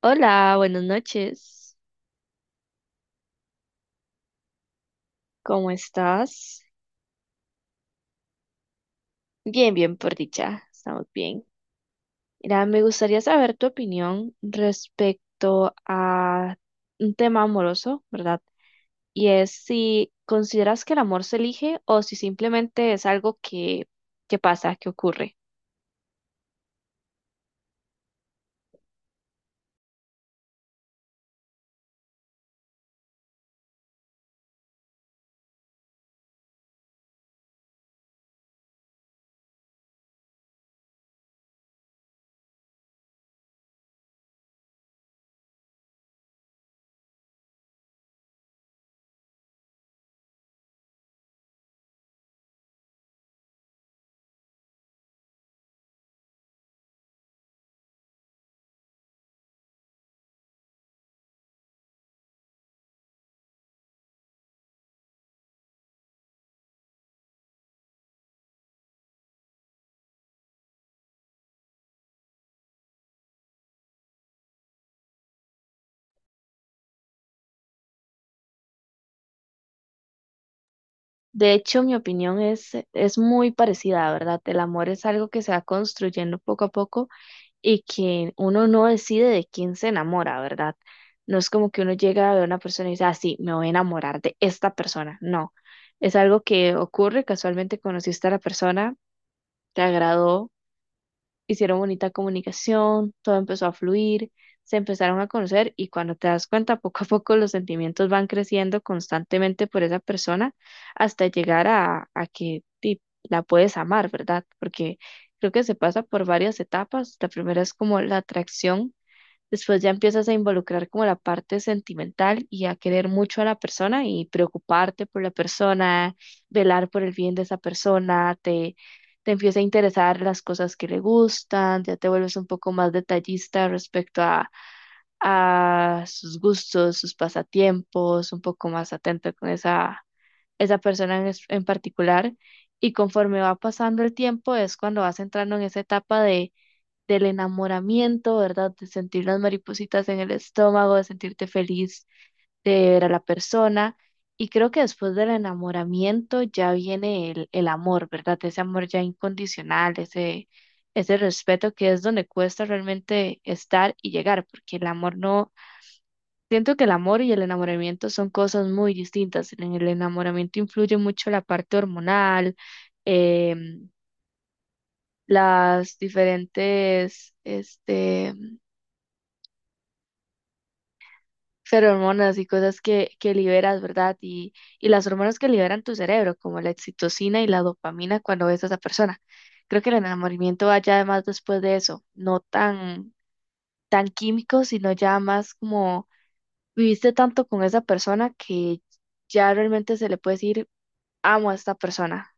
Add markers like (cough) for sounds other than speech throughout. Hola, buenas noches. ¿Cómo estás? Bien, bien, por dicha. Estamos bien. Mira, me gustaría saber tu opinión respecto a un tema amoroso, ¿verdad? Y es si consideras que el amor se elige o si simplemente es algo que pasa, que ocurre. De hecho, mi opinión es muy parecida, ¿verdad? El amor es algo que se va construyendo poco a poco y que uno no decide de quién se enamora, ¿verdad? No es como que uno llega a ver a una persona y dice, ah, sí, me voy a enamorar de esta persona. No, es algo que ocurre, casualmente conociste a la persona, te agradó, hicieron bonita comunicación, todo empezó a fluir, se empezaron a conocer y cuando te das cuenta, (laughs) poco a poco los sentimientos van creciendo constantemente por esa persona hasta llegar a que la puedes amar, ¿verdad? Porque creo que se pasa por varias etapas. La primera es como la atracción. Después ya empiezas a involucrar como la parte sentimental y a querer mucho a la persona y preocuparte por la persona, velar por el bien de esa persona, te empieza a interesar las cosas que le gustan, ya te vuelves un poco más detallista respecto a sus gustos, sus pasatiempos, un poco más atento con esa persona en particular. Y conforme va pasando el tiempo es cuando vas entrando en esa etapa de del enamoramiento, ¿verdad? De sentir las maripositas en el estómago, de sentirte feliz de ver a la persona. Y creo que después del enamoramiento ya viene el amor, ¿verdad? Ese amor ya incondicional, ese respeto que es donde cuesta realmente estar y llegar, porque el amor no, siento que el amor y el enamoramiento son cosas muy distintas. En el enamoramiento influye mucho la parte hormonal, em, las diferentes, hormonas y cosas que liberas, ¿verdad? Y las hormonas que liberan tu cerebro, como la oxitocina y la dopamina cuando ves a esa persona. Creo que el enamoramiento va ya además después de eso, no tan químico, sino ya más como viviste tanto con esa persona que ya realmente se le puede decir, amo a esta persona.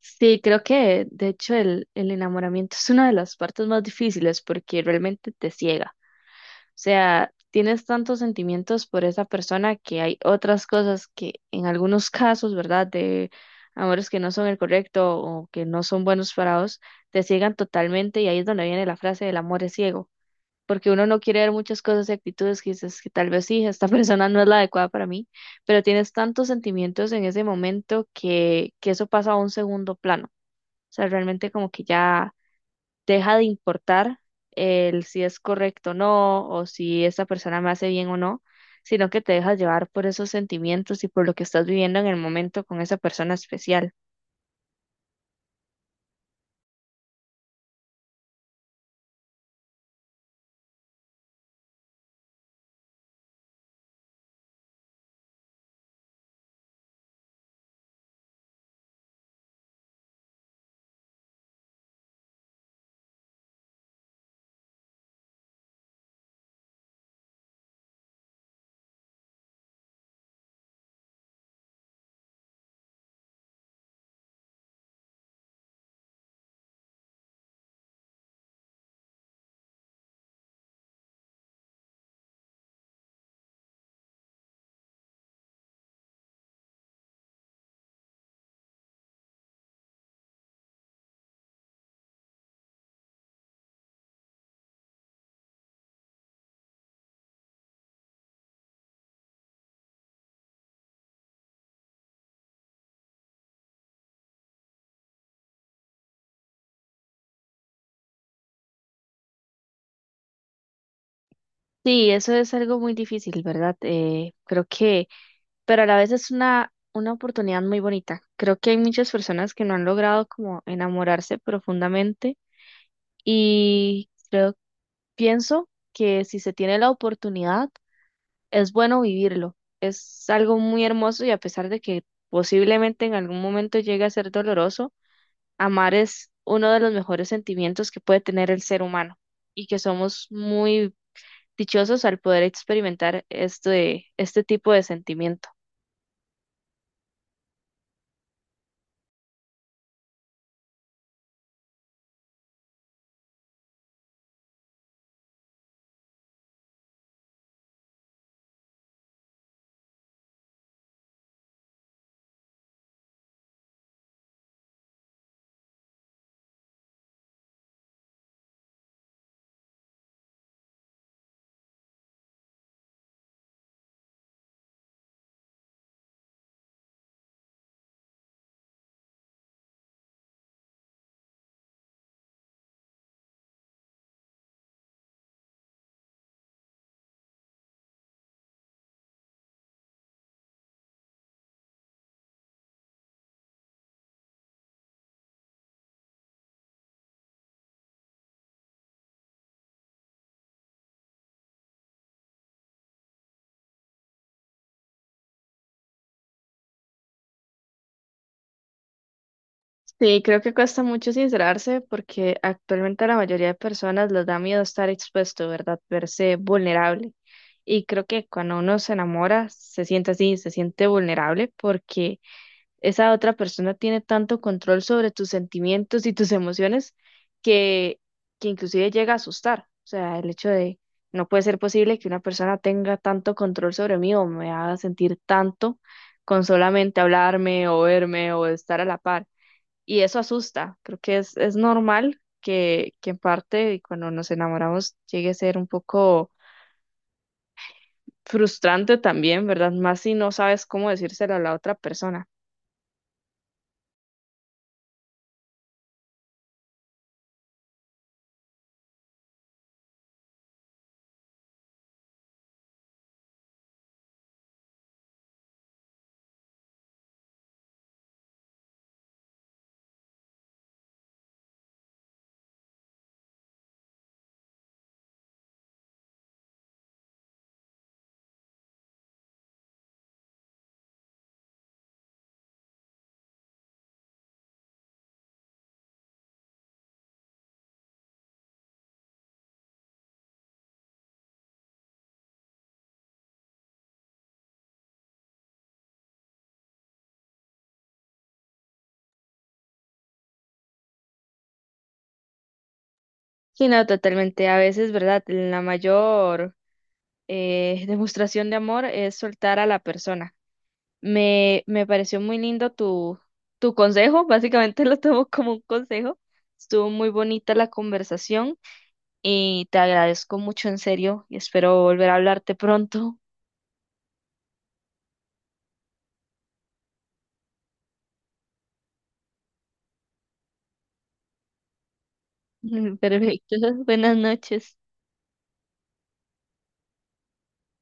Sí, creo que de hecho el enamoramiento es una de las partes más difíciles porque realmente te ciega. Sea, tienes tantos sentimientos por esa persona que hay otras cosas que en algunos casos, ¿verdad? De amores que no son el correcto o que no son buenos para vos, te ciegan totalmente y ahí es donde viene la frase del amor es ciego, porque uno no quiere ver muchas cosas y actitudes que dices que tal vez sí, esta (laughs) persona no es la adecuada para mí, pero tienes tantos sentimientos en ese momento que eso pasa a un segundo plano. O sea, realmente como que ya deja de importar el si es correcto o no, o si esa persona me hace bien o no, sino que te dejas llevar por esos sentimientos y por lo que estás viviendo en el momento con esa persona especial. Sí, eso es algo muy difícil, ¿verdad? Pero a la vez es una oportunidad muy bonita. Creo que hay muchas personas que no han logrado como enamorarse profundamente y creo, pienso que si se tiene la oportunidad, es bueno vivirlo. Es algo muy hermoso y a pesar de que posiblemente en algún momento llegue a ser doloroso, amar es uno de los mejores sentimientos que puede tener el ser humano y que somos muy dichosos al poder experimentar este tipo de sentimiento. Sí, creo que cuesta mucho sincerarse porque actualmente a la mayoría de personas les da miedo estar expuesto, ¿verdad? Verse vulnerable. Y creo que cuando uno se enamora, se siente así, se siente vulnerable porque esa otra persona tiene tanto control sobre tus sentimientos y tus emociones que, que inclusive llega a asustar. O sea, el hecho de no puede ser posible que una persona tenga tanto control sobre mí o me haga sentir tanto con solamente hablarme o verme o estar a la par. Y eso asusta. Creo que es normal que en parte cuando nos enamoramos llegue a ser un poco frustrante también, ¿verdad? Más si no sabes cómo decírselo a la otra persona. Sí, no, totalmente. A veces, ¿verdad? La mayor (laughs) demostración de amor es soltar a la persona. Me pareció muy lindo tu consejo, básicamente (laughs) lo tomo como un consejo. Estuvo muy bonita la conversación y te agradezco mucho, en serio, y espero volver a hablarte pronto. (laughs) Perfecto. Buenas noches.